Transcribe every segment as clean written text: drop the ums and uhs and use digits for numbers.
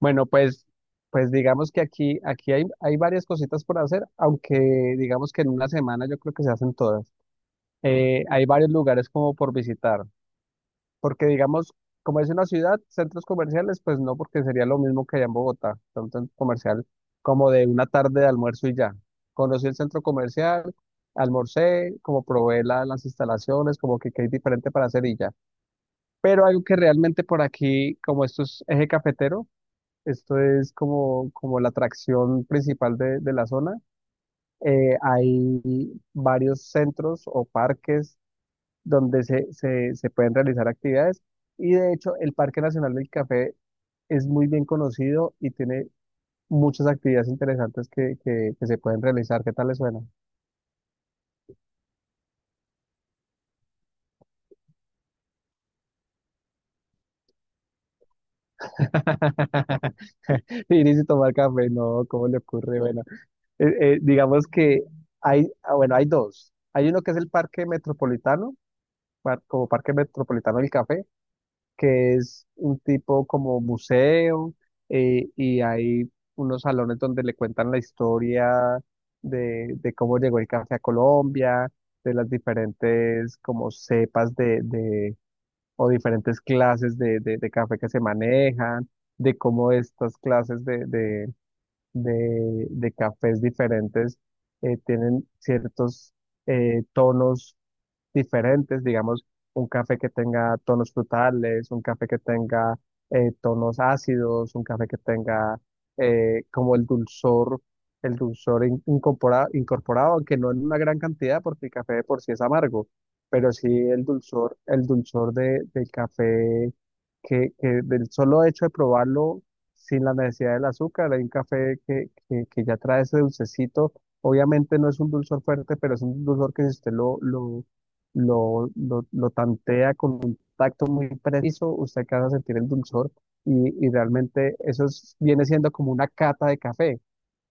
Bueno, pues digamos que aquí hay varias cositas por hacer, aunque digamos que en una semana yo creo que se hacen todas. Hay varios lugares como por visitar, porque digamos, como es una ciudad, centros comerciales, pues no, porque sería lo mismo que allá en Bogotá, un centro comercial como de una tarde de almuerzo y ya. Conocí el centro comercial, almorcé, como probé las instalaciones, como que qué hay diferente para hacer y ya. Pero algo que realmente por aquí, como esto es eje cafetero, esto es como la atracción principal de la zona. Hay varios centros o parques donde se pueden realizar actividades y de hecho el Parque Nacional del Café es muy bien conocido y tiene muchas actividades interesantes que se pueden realizar. ¿Qué tal le suena? Ir y tomar café, no, ¿cómo le ocurre? Bueno, eh, digamos que ah, bueno, hay dos. Hay uno que es el Parque Metropolitano, como Parque Metropolitano del Café, que es un tipo como museo, y hay unos salones donde le cuentan la historia de cómo llegó el café a Colombia, de las diferentes como cepas o diferentes clases de café que se manejan, de cómo estas clases de cafés diferentes tienen ciertos tonos diferentes, digamos, un café que tenga tonos frutales, un café que tenga tonos ácidos, un café que tenga como el dulzor incorporado, aunque no en una gran cantidad, porque el café de por sí es amargo, pero sí el dulzor del café, que del solo hecho de probarlo sin la necesidad del azúcar, hay un café que ya trae ese dulcecito. Obviamente no es un dulzor fuerte, pero es un dulzor que si usted lo tantea con un tacto muy preciso, usted alcanza a sentir el dulzor y realmente viene siendo como una cata de café,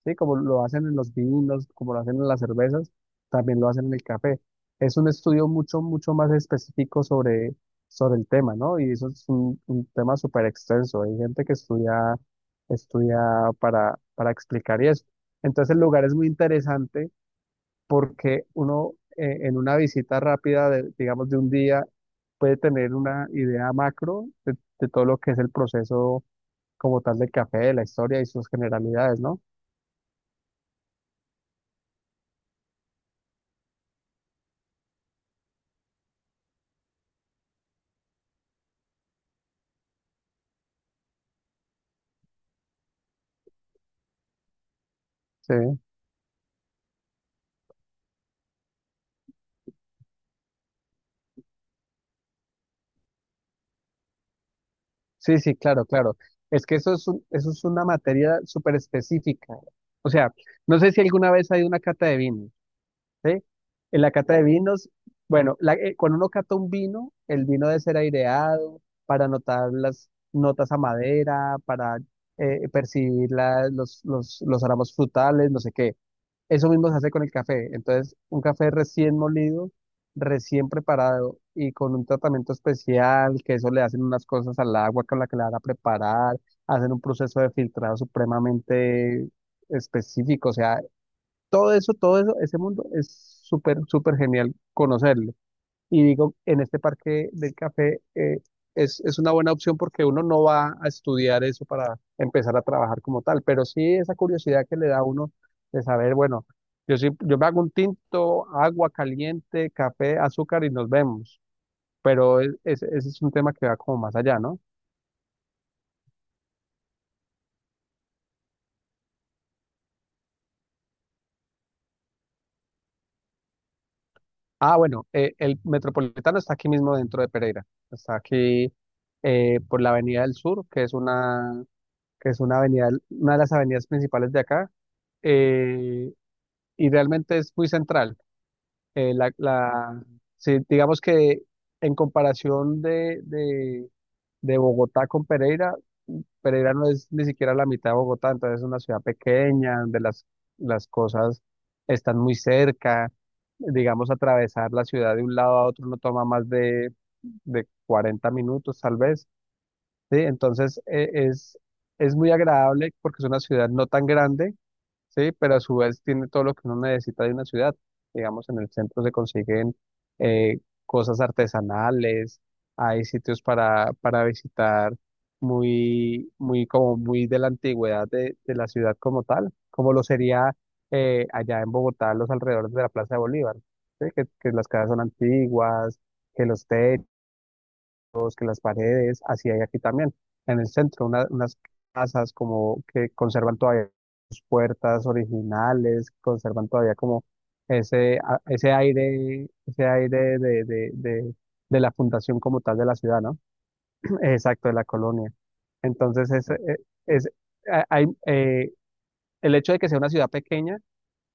¿sí? Como lo hacen en los vinos, como lo hacen en las cervezas, también lo hacen en el café. Es un estudio mucho, mucho más específico sobre el tema, ¿no? Y eso es un tema súper extenso. Hay gente que estudia para explicar y eso. Entonces el lugar es muy interesante porque uno, en una visita rápida, digamos, de un día, puede tener una idea macro de todo lo que es el proceso como tal del café, de la historia y sus generalidades, ¿no? Sí, sí, sí, claro, claro. Es que eso es una materia súper específica. O sea, no sé si alguna vez hay una cata de vino. ¿Sí? En la cata de vinos, bueno, cuando uno cata un vino, el vino debe ser aireado para notar las notas a madera, para percibir los aromas frutales, no sé qué. Eso mismo se hace con el café. Entonces, un café recién molido, recién preparado y con un tratamiento especial, que eso le hacen unas cosas al agua con la que la van a preparar, hacen un proceso de filtrado supremamente específico. O sea, todo eso, ese mundo es súper, súper genial conocerlo. Y digo, en este parque del café, es una buena opción porque uno no va a estudiar eso para empezar a trabajar como tal, pero sí esa curiosidad que le da a uno de saber, bueno, sí, yo me hago un tinto, agua caliente, café, azúcar y nos vemos. Pero ese es un tema que va como más allá, ¿no? Ah, bueno, el Metropolitano está aquí mismo dentro de Pereira, está aquí, por la Avenida del Sur, que es una avenida, una de las avenidas principales de acá, eh, y realmente es muy central. Eh, la, la- sí, digamos que en comparación de Bogotá con Pereira, Pereira no es ni siquiera la mitad de Bogotá, entonces es una ciudad pequeña donde las cosas están muy cerca. Digamos, atravesar la ciudad de un lado a otro no toma más de 40 minutos, tal vez. ¿Sí? Entonces, es muy agradable porque es una ciudad no tan grande, ¿sí? Pero a su vez tiene todo lo que uno necesita de una ciudad. Digamos, en el centro se consiguen, eh, cosas artesanales, hay sitios para visitar muy, muy, como muy de la antigüedad de la ciudad como tal, como lo sería, allá en Bogotá, los alrededores de la Plaza de Bolívar, ¿sí? Que las casas son antiguas, que los techos, que las paredes, así hay aquí también. En el centro, unas casas como que conservan todavía sus puertas originales, conservan todavía como ese aire de la fundación como tal de la ciudad, ¿no? Exacto, de la colonia. Entonces, es- a- hay, eh, el hecho de que sea una ciudad pequeña,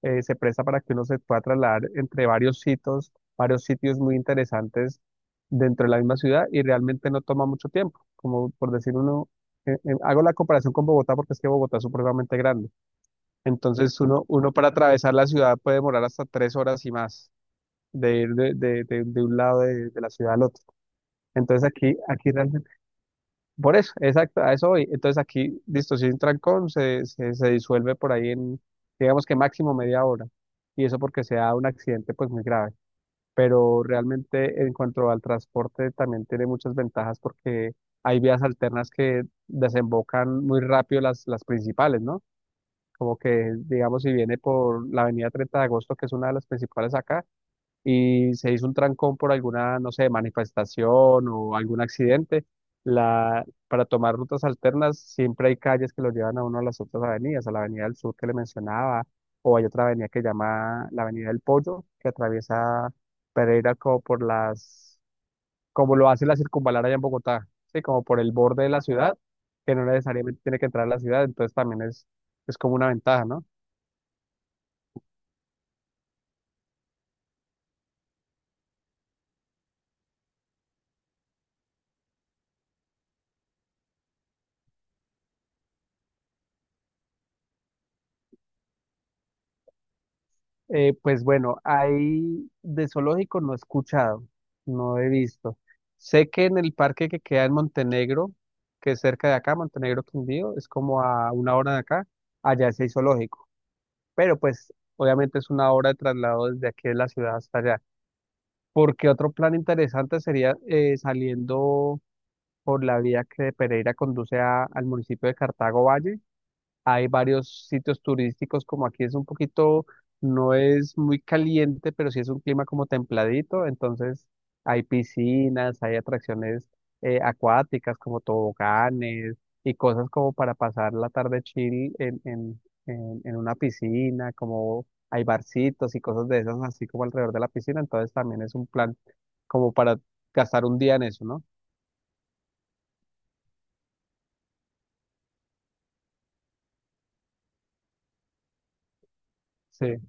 se presta para que uno se pueda trasladar entre varios sitios muy interesantes dentro de la misma ciudad y realmente no toma mucho tiempo. Como por decir uno, hago la comparación con Bogotá porque es que Bogotá es supremamente grande. Entonces uno para atravesar la ciudad puede demorar hasta 3 horas y más de ir de un lado de la ciudad al otro. Entonces aquí realmente por eso, exacto, a eso voy. Entonces aquí, listo, si es un trancón, se disuelve por ahí en, digamos que máximo media hora. Y eso porque sea un accidente pues muy grave. Pero realmente en cuanto al transporte también tiene muchas ventajas porque hay vías alternas que desembocan muy rápido las principales, ¿no? Como que, digamos, si viene por la avenida 30 de agosto, que es una de las principales acá, y se hizo un trancón por alguna, no sé, manifestación o algún accidente, para tomar rutas alternas siempre hay calles que lo llevan a uno a las otras avenidas, a la Avenida del Sur que le mencionaba, o hay otra avenida que llama la Avenida del Pollo, que atraviesa Pereira como por como lo hace la circunvalar allá en Bogotá, ¿sí? Como por el borde de la ciudad, que no necesariamente tiene que entrar a la ciudad, entonces también es como una ventaja, ¿no? Pues bueno, ahí de zoológico no he escuchado, no he visto. Sé que en el parque que queda en Montenegro, que es cerca de acá, Montenegro Quindío, es como a una hora de acá, allá sí hay zoológico, pero pues obviamente es una hora de traslado desde aquí de la ciudad hasta allá. Porque otro plan interesante sería, saliendo por la vía que de Pereira conduce al municipio de Cartago Valle, hay varios sitios turísticos, como aquí es un poquito, no es muy caliente, pero sí es un clima como templadito, entonces hay piscinas, hay atracciones, acuáticas como toboganes y cosas como para pasar la tarde chill en una piscina, como hay barcitos y cosas de esas así como alrededor de la piscina, entonces también es un plan como para gastar un día en eso, ¿no? Sí.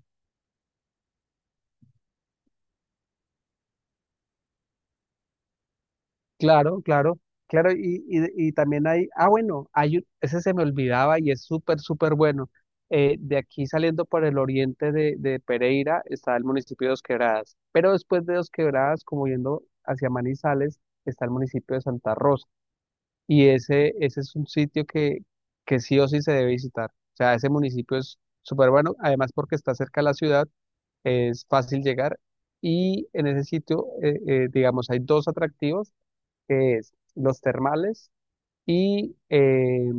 Claro, claro, claro, y también ah, bueno, ese se me olvidaba y es súper, súper bueno. De aquí saliendo por el oriente de Pereira está el municipio de Dos Quebradas, pero después de Dos Quebradas, como yendo hacia Manizales, está el municipio de Santa Rosa, y ese es un sitio que sí o sí se debe visitar. O sea, ese municipio es súper bueno, además porque está cerca de la ciudad, es fácil llegar, y en ese sitio, digamos, hay dos atractivos que es los termales y,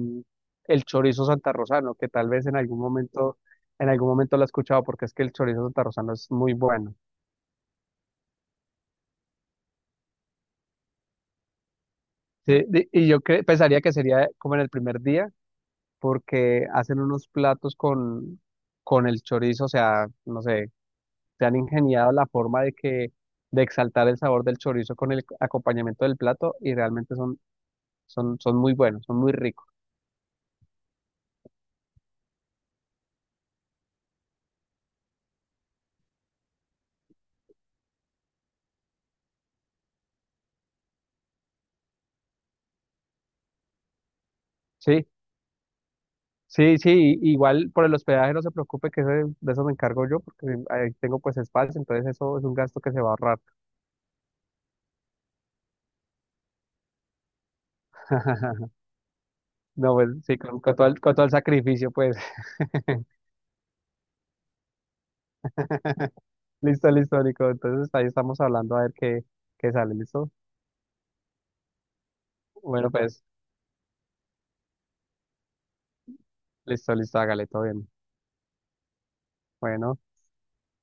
el chorizo santarrosano, que tal vez en algún momento lo he escuchado porque es que el chorizo santarrosano es muy bueno. Sí, y pensaría que sería como en el primer día, porque hacen unos platos con el chorizo, o sea, no sé, se han ingeniado la forma de exaltar el sabor del chorizo con el acompañamiento del plato y realmente son, son muy buenos, son muy ricos. Sí, sí, sí, igual por el hospedaje no se preocupe, que de eso me encargo yo porque ahí tengo pues espacio, entonces eso es un gasto que se va a ahorrar. No, pues sí, con todo el sacrificio pues. Listo, listo, Nico. Entonces ahí estamos hablando a ver qué sale, ¿listo? Bueno, pues listo, listo, hágale, todo bien. Bueno.